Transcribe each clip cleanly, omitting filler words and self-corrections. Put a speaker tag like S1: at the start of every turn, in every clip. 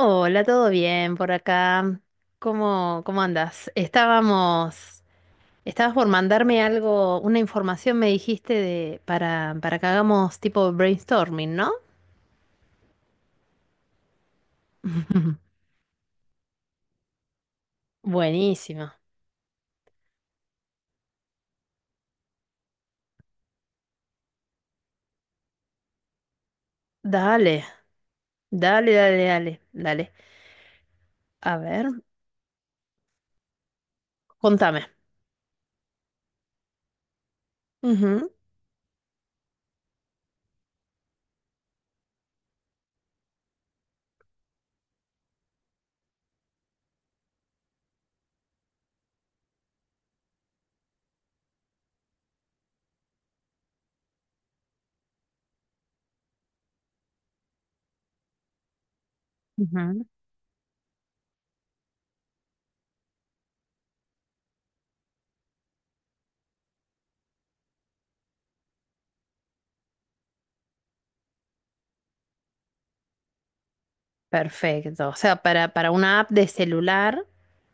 S1: Hola, ¿todo bien por acá? ¿Cómo, cómo andas? Estabas por mandarme algo, una información me dijiste de, para que hagamos tipo brainstorming, ¿no? Buenísimo. Dale, dale, dale, dale, dale. A ver, contame. Ujú, ujú. Perfecto. O sea, para una app de celular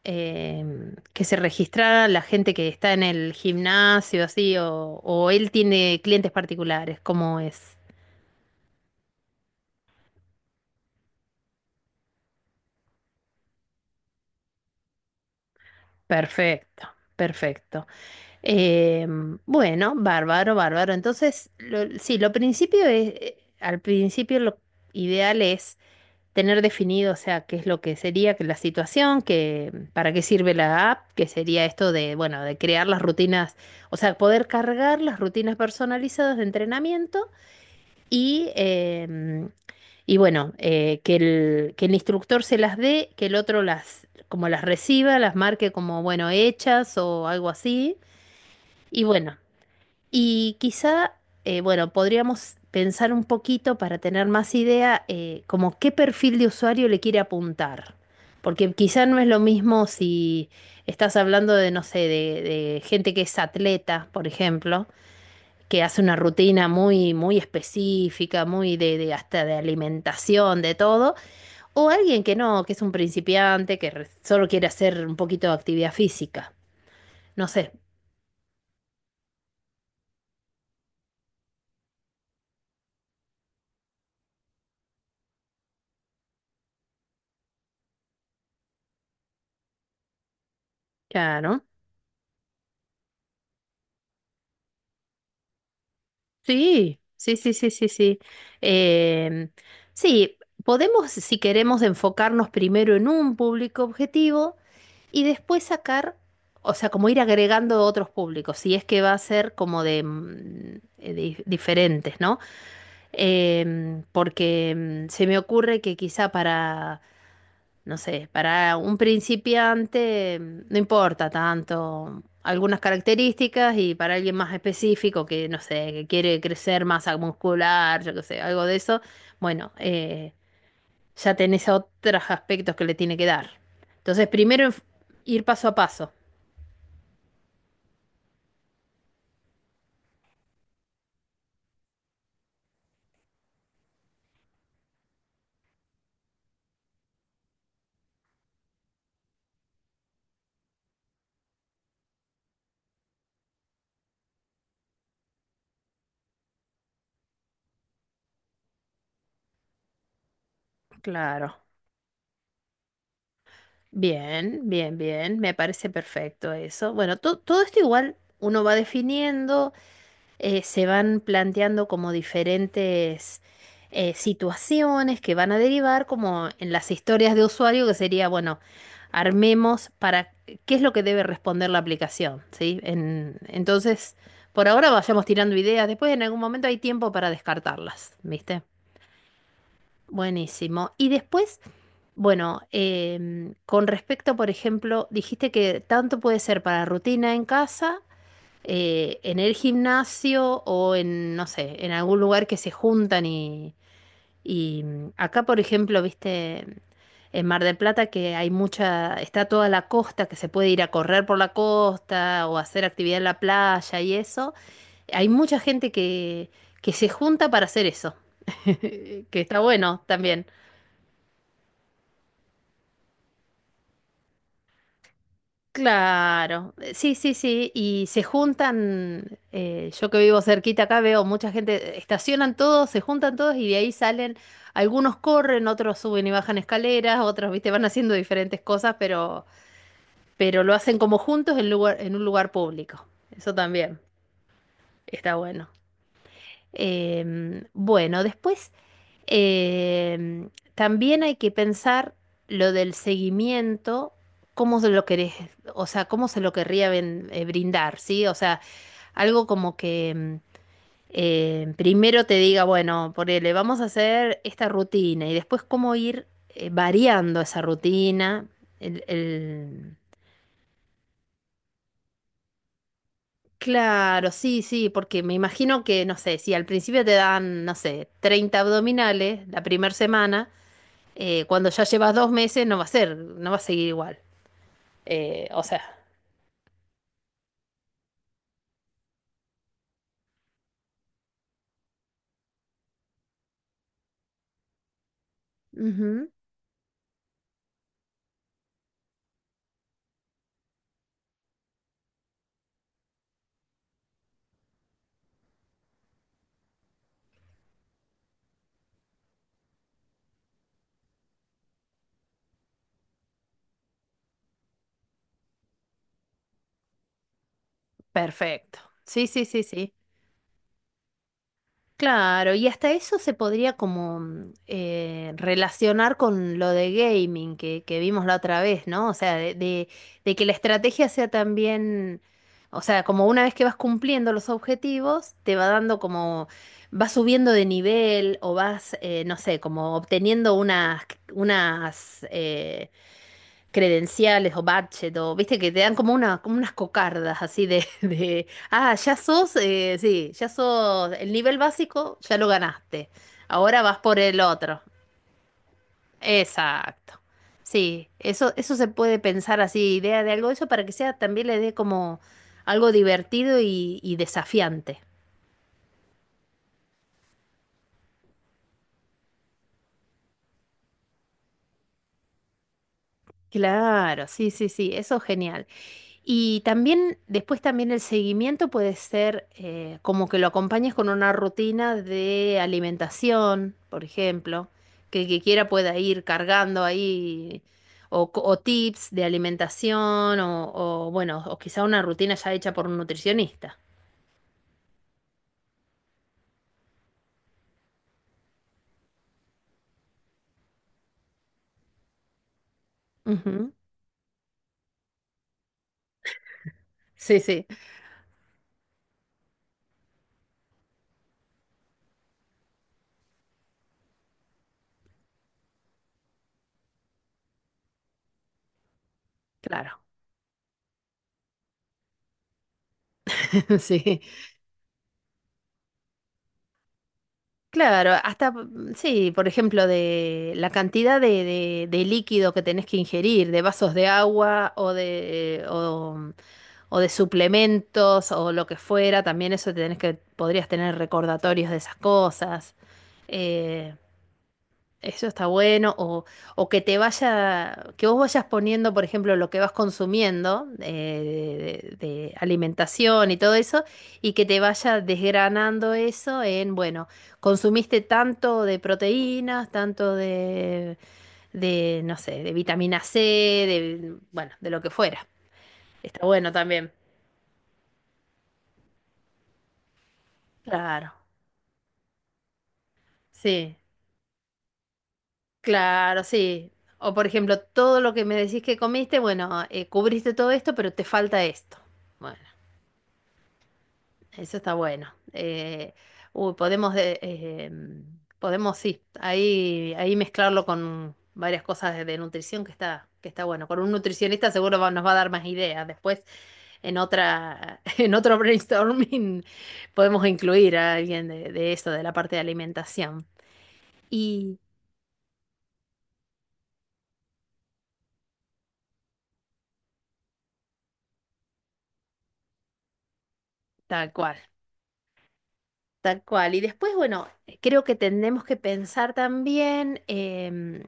S1: que se registra la gente que está en el gimnasio, así, o él tiene clientes particulares, ¿cómo es? Perfecto, perfecto. Bueno, bárbaro, bárbaro. Entonces, sí, lo principio es, al principio lo ideal es tener definido, o sea, qué es lo que sería que la situación, que para qué sirve la app, que sería esto de, bueno, de crear las rutinas, o sea, poder cargar las rutinas personalizadas de entrenamiento y, eh, y bueno, que el instructor se las dé, que el otro las, como las reciba, las marque como, bueno, hechas o algo así. Y bueno, y quizá, bueno, podríamos pensar un poquito para tener más idea, como qué perfil de usuario le quiere apuntar. Porque quizá no es lo mismo si estás hablando de, no sé, de gente que es atleta, por ejemplo, que hace una rutina muy, muy específica, muy de hasta de alimentación, de todo, o alguien que no, que es un principiante, solo quiere hacer un poquito de actividad física. No sé, claro. Sí, sí, sí, sí, sí, sí. Em, sí, podemos, si queremos, enfocarnos primero en un público objetivo y después sacar, o sea, como ir agregando otros públicos, si es que va a ser como de, diferentes, ¿no? Porque mm, se me ocurre que quizá para no sé, para un principiante mm, no importa tanto algunas características y para alguien más específico que, no sé, que quiere crecer masa muscular, yo qué sé, algo de eso, bueno, eh, ya tenés otros aspectos que le tiene que dar. Entonces, primero enf- Ir paso a paso. Claro. Bien, bien, bien. Me parece perfecto eso. Todo esto igual uno va definiendo. Se van planteando como diferentes situaciones que van a derivar como en las historias de usuario, que sería, bueno, armemos para qué es lo que debe responder la aplicación, ¿sí? Entonces, por ahora vayamos tirando ideas, después en algún momento hay tiempo para descartarlas, ¿viste? Buenísimo. Y después, bueno, con respecto, por ejemplo, dijiste que tanto puede ser para rutina en casa, en el gimnasio o en, no sé, en algún lugar que se juntan acá, por ejemplo, viste, en Mar del Plata que hay mucha, está toda la costa, que se puede ir a correr por la costa o hacer actividad en la playa y eso. Hay mucha gente que se junta para hacer eso, que está bueno también. Claro, sí, sí, sí, y se juntan, yo que vivo cerquita acá veo mucha gente, estacionan todos, se juntan todos y de ahí salen, algunos corren, otros suben y bajan escaleras, otros, viste, van haciendo diferentes cosas, pero lo hacen como juntos en lugar, en un lugar público. Eso también está bueno. Bueno, después em, también hay que pensar lo del seguimiento, cómo se lo querés, o sea, cómo se lo querría ven- brindar, ¿sí? O sea, algo como que primero te diga, bueno, ponele, vamos a hacer esta rutina y después cómo ir variando esa rutina, el, claro, sí, sí, porque me imagino que, no sé, si al principio te dan, no sé, 30 abdominales la primera semana, cuando ya llevas 2 meses no va a ser, no va a seguir igual. Eh, o sea, ujú, perfecto. Sí, sí, sí, sí. Claro, y hasta eso se podría como relacionar con lo de gaming que vimos la otra vez, ¿no? O sea, de, de que la estrategia sea también, o sea, como una vez que vas cumpliendo los objetivos, te va dando como, vas subiendo de nivel o vas, no sé, como obteniendo unas, unas eh, credenciales o badge o viste que te dan como una, como unas cocardas así de, de ah, ya sos, sí, ya sos el nivel básico, ya lo ganaste. Ahora vas por el otro. Exacto. Sí, eso se puede pensar así, idea de algo de eso para que sea también le dé como algo divertido y desafiante. Claro, sí, sí, sí, eso es genial. Y también, después también el seguimiento puede ser como que lo acompañes con una rutina de alimentación, por ejemplo, que el que quiera pueda ir cargando ahí, o tips de alimentación, o, bueno, o quizá una rutina ya hecha por un nutricionista. Ujú. Sí, sí, claro. Sí, claro, hasta, mm, sí, por ejemplo, de la cantidad de, de líquido que tenés que ingerir, de vasos de agua o de suplementos o lo que fuera, también eso tenés que, podrías tener recordatorios de esas cosas. Eh, Eso está bueno, o que te vaya, que vos vayas poniendo, por ejemplo, lo que vas consumiendo de alimentación y todo eso, y que te vaya desgranando eso en, bueno, consumiste tanto de proteínas, tanto de, no sé, de vitamina C, de, bueno, de lo que fuera. Está bueno también. Claro, sí. Claro, sí. O por ejemplo, todo lo que me decís que comiste, bueno, cubriste todo esto, pero te falta esto. Bueno, eso está bueno. Uy, podemos, de- eh, Podemos, sí, ahí, ahí mezclarlo con varias cosas de nutrición que está bueno. Con un nutricionista seguro nos va a dar más ideas. Después, en otra, en otro brainstorming, podemos incluir a alguien de eso, de la parte de alimentación. Y tal cual. Tal cual. Y después, bueno, creo que tenemos que pensar también,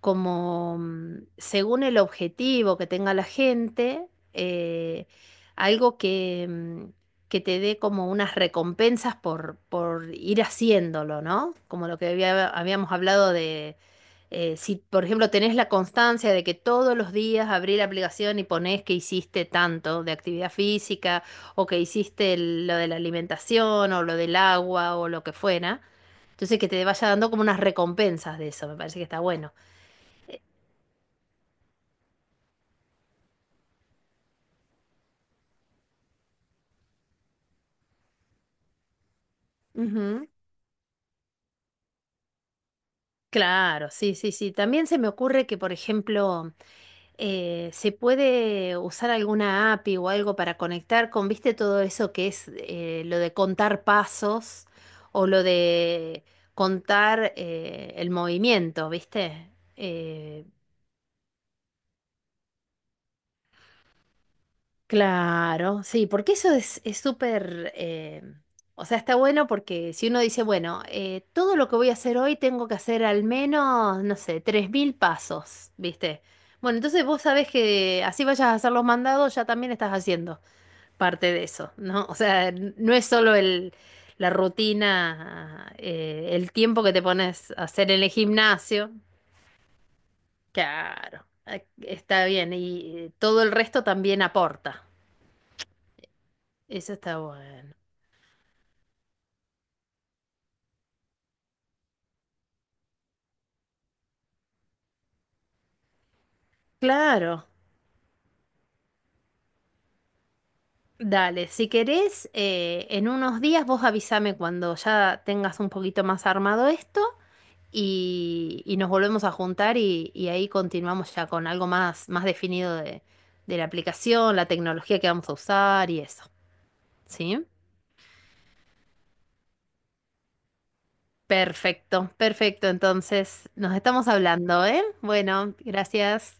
S1: como mm, según el objetivo que tenga la gente, eh, algo que, que te dé como unas recompensas por ir haciéndolo, ¿no? Como lo que habíamos hablado de, si por ejemplo tenés la constancia de que todos los días abrí la aplicación y ponés que hiciste tanto de actividad física o que hiciste lo de la alimentación o lo del agua o lo que fuera. Entonces que te vaya dando como unas recompensas de eso, me parece que está bueno. Ujú, claro, sí, sí, sí. También se me ocurre que, por ejemplo, se puede usar alguna API o algo para conectar con, viste, todo eso que es lo de contar pasos o lo de contar el movimiento, viste. Eh, Claro, sí, porque eso es súper, o sea, está bueno porque si uno dice, bueno, todo lo que voy a hacer hoy tengo que hacer al menos, no sé, 3.000 pasos, ¿viste? Bueno, entonces vos sabés que así vayas a hacer los mandados, ya también estás haciendo parte de eso, ¿no? O sea, no es solo el, la rutina, el tiempo que te pones a hacer en el gimnasio, claro, está bien, y todo el resto también aporta, eso está bueno. Claro, dale, si querés, en unos días vos avísame cuando ya tengas un poquito más armado esto y nos volvemos a juntar y ahí continuamos ya con algo más, más definido de la aplicación, la tecnología que vamos a usar y eso, ¿sí? Perfecto, perfecto, entonces nos estamos hablando, ¿eh? Bueno, gracias.